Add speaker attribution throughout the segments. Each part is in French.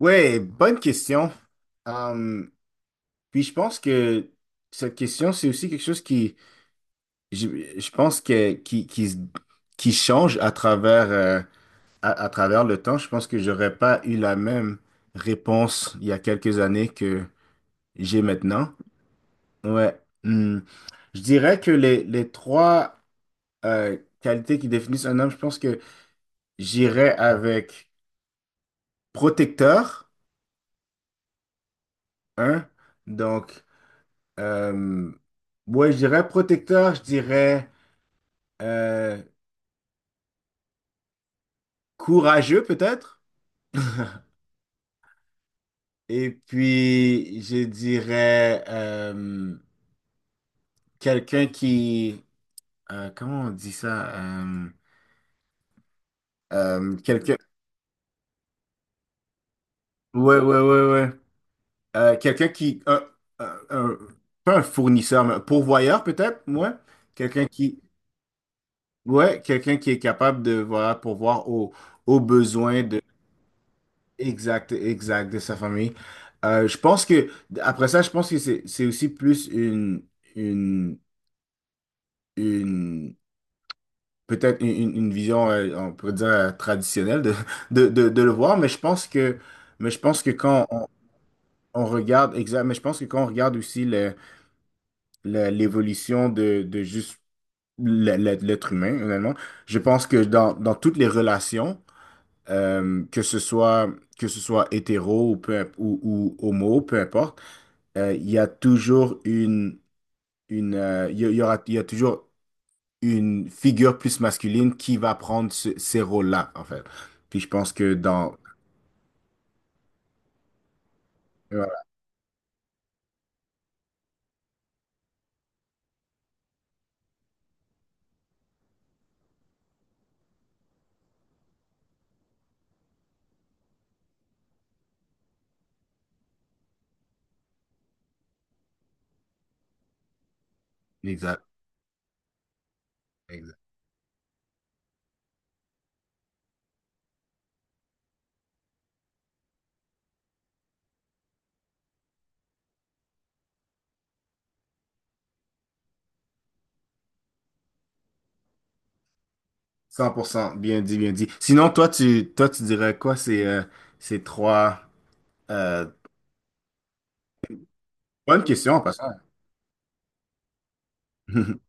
Speaker 1: Ouais, bonne question. Hum, puis je pense que cette question, c'est aussi quelque chose qui, je, je pense que qui, se- qui change à travers le temps. Je pense que j'aurais pas eu la même réponse il y a quelques années que j'ai maintenant. Ouais. Je dirais que les trois qualités qui définissent un homme, je pense que j'irais avec protecteur, hein. Donc Euh, ouais, je dirais protecteur, je dirais euh, courageux peut-être. Et puis, je dirais quelqu'un qui... comment on dit ça? Quelqu'un... Ouais, ouais, ouais, ouais. Quelqu'un qui... un- un- pas un fournisseur, mais un pourvoyeur peut-être, ouais. Quelqu'un qui... Ouais, quelqu'un qui est capable de voilà, pourvoir aux besoins. Exact, exact, de sa famille. Je pense que, après ça, je pense que c'est aussi plus une, une peut-être une vision, on pourrait dire, traditionnelle de le voir, mais je pense que, mais je pense que quand on regarde, exact, mais je pense que quand on regarde aussi l'évolution de juste l'être humain, honnêtement, je pense que dans toutes les relations, euh, que ce soit, que ce soit hétéro ou homo, peu importe, il y a toujours une il y aura, il y a toujours une figure plus masculine qui va prendre ces rôles-là, en fait. Puis je pense que dans... Voilà, exact, exact. 100%, bien dit, bien dit. Sinon, toi, tu dirais quoi ces, ces trois... euh, bonne question, en passant.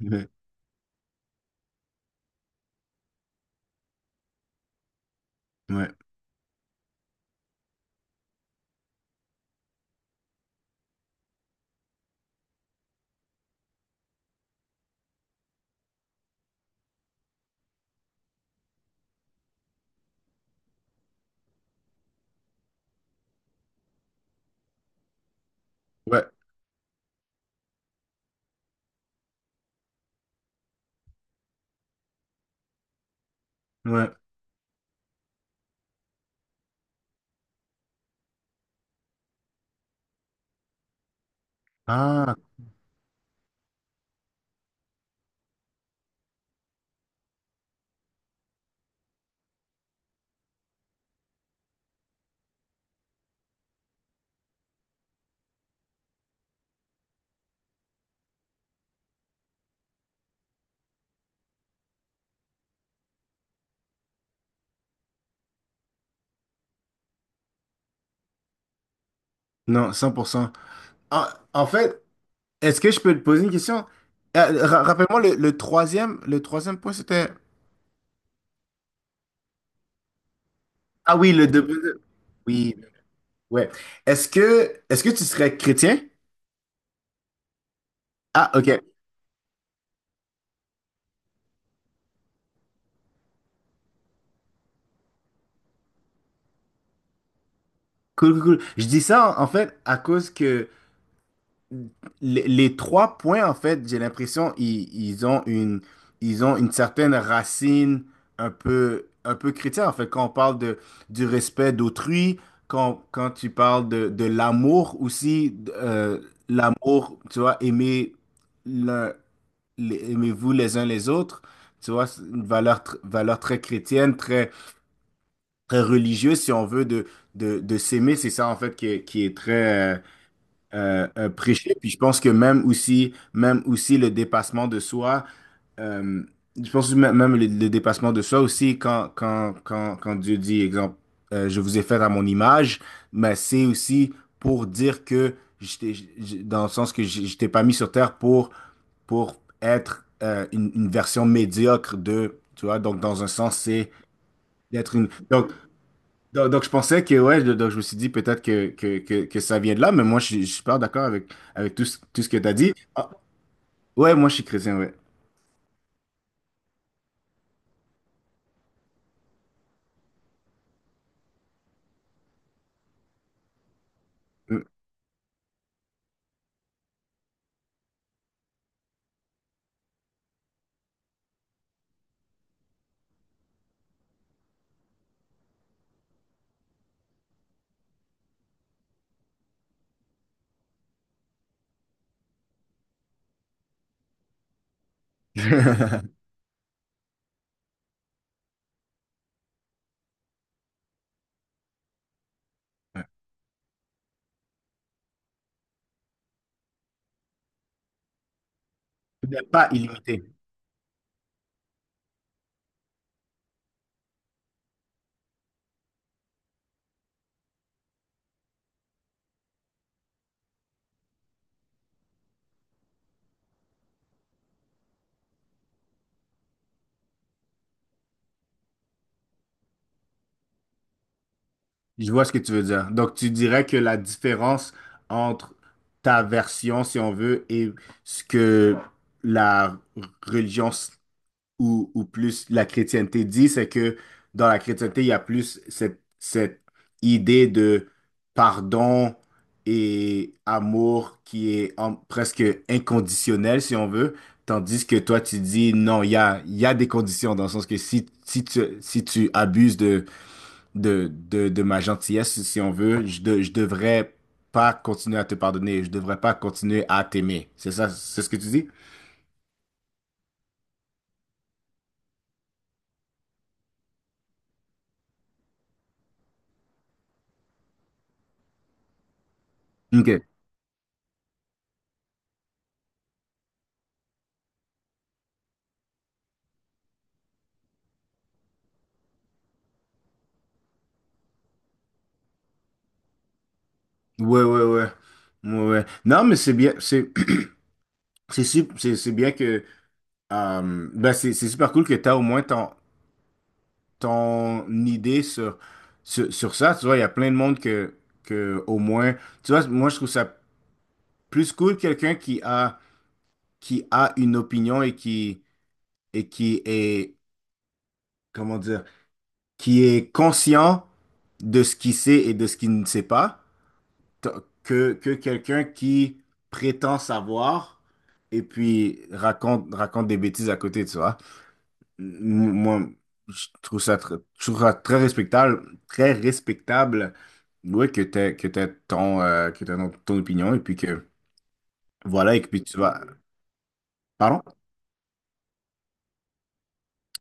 Speaker 1: Ouais, ouais, ouais. ouais. Ah, non, 100%. Ah, en fait, est-ce que je peux te poser une question? Rappelle-moi, le troisième point, c'était... Ah oui, le double. Oui, ouais. Est-ce que tu serais chrétien? Ah, ok. Cool, cool, cool. Je dis ça en fait à cause que les trois points, en fait, j'ai l'impression ils ont une certaine racine un peu chrétienne. En fait, quand on parle de du respect d'autrui, quand tu parles de l'amour aussi, l'amour, tu vois, aimer. l'un aimez-vous les uns les autres. Tu vois, c'est une valeur très chrétienne, très, très religieuse, si on veut, de s'aimer. C'est ça, en fait, qui qui est très prêché. Puis je pense que même aussi le dépassement de soi, euh, je pense que même même le dépassement de soi aussi, quand Dieu dit, exemple, je vous ai fait à mon image, mais c'est aussi pour dire que je t'ai- je- dans le sens que je t'ai pas mis sur terre pour être une version médiocre de, tu vois, donc dans un sens, c'est d'être une... donc, je pensais que, ouais, donc je me suis dit peut-être que ça vient de là, mais moi, je suis pas d'accord avec, avec tout, tout ce que tu as dit. Ah, ouais, moi, je suis chrétien, ouais. Peut-être pas illimité. Je vois ce que tu veux dire. Donc, tu dirais que la différence entre ta version, si on veut, et ce que la religion ou plus la chrétienté dit, c'est que dans la chrétienté, il y a plus cette idée de pardon et amour qui est presque inconditionnel, si on veut, tandis que toi, tu dis non, il y a des conditions, dans le sens que si tu abuses de ma gentillesse, si on veut, je devrais pas continuer à te pardonner, je devrais pas continuer à t'aimer. C'est ça, c'est ce que tu dis? OK. Ouais, ouais, ouais. Ouais, ouais. Non, mais c'est c'est bien que, c'est super cool que tu as au moins ton idée sur ça. Tu vois, il y a plein de monde au moins, tu vois, moi, je trouve ça plus cool quelqu'un qui a une opinion et et qui est, comment dire, qui est conscient de ce qu'il sait et de ce qu'il ne sait pas t- que quelqu'un qui prétend savoir et puis raconte des bêtises à côté, tu vois. Moi, je trouve je trouve ça très respectable, ouais, que t'aies ton, ton opinion et puis que, voilà, et que puis tu vas... Pardon?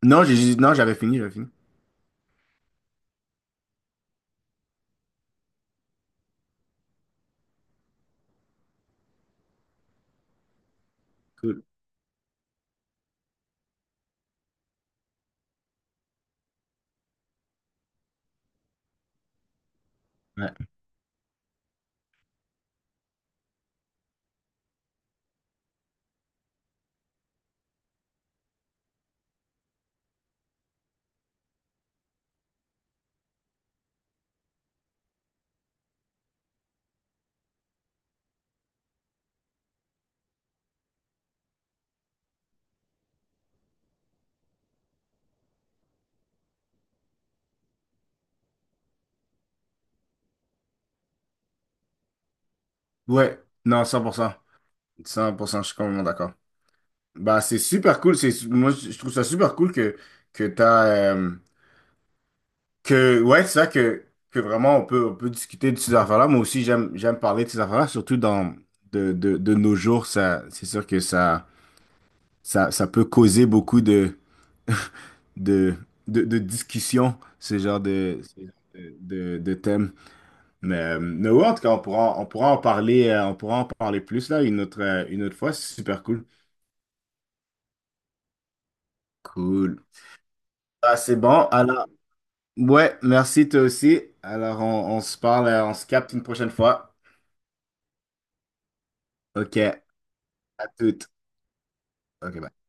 Speaker 1: Non, j'avais fini, j'avais fini. Cool. Ouais. Ouais, non, cent pour cent, je suis complètement d'accord. Bah, c'est super cool. C'est, moi, je trouve ça super cool que t'as... ouais, c'est ça que vraiment on peut discuter de ces affaires-là. Moi aussi, j'aime, j'aime parler de ces affaires-là, surtout dans, de nos jours. Ça, c'est sûr que ça peut causer beaucoup de, de discussions, ce genre de, ce genre de thèmes. Mais ouais, en tout cas, on pourra en parler, on pourra en parler plus là une autre fois. C'est super cool. Cool. Ah, c'est bon. Alors, ouais, merci toi aussi. Alors, on se parle, on se capte une prochaine fois. OK, à toutes. OK, bye.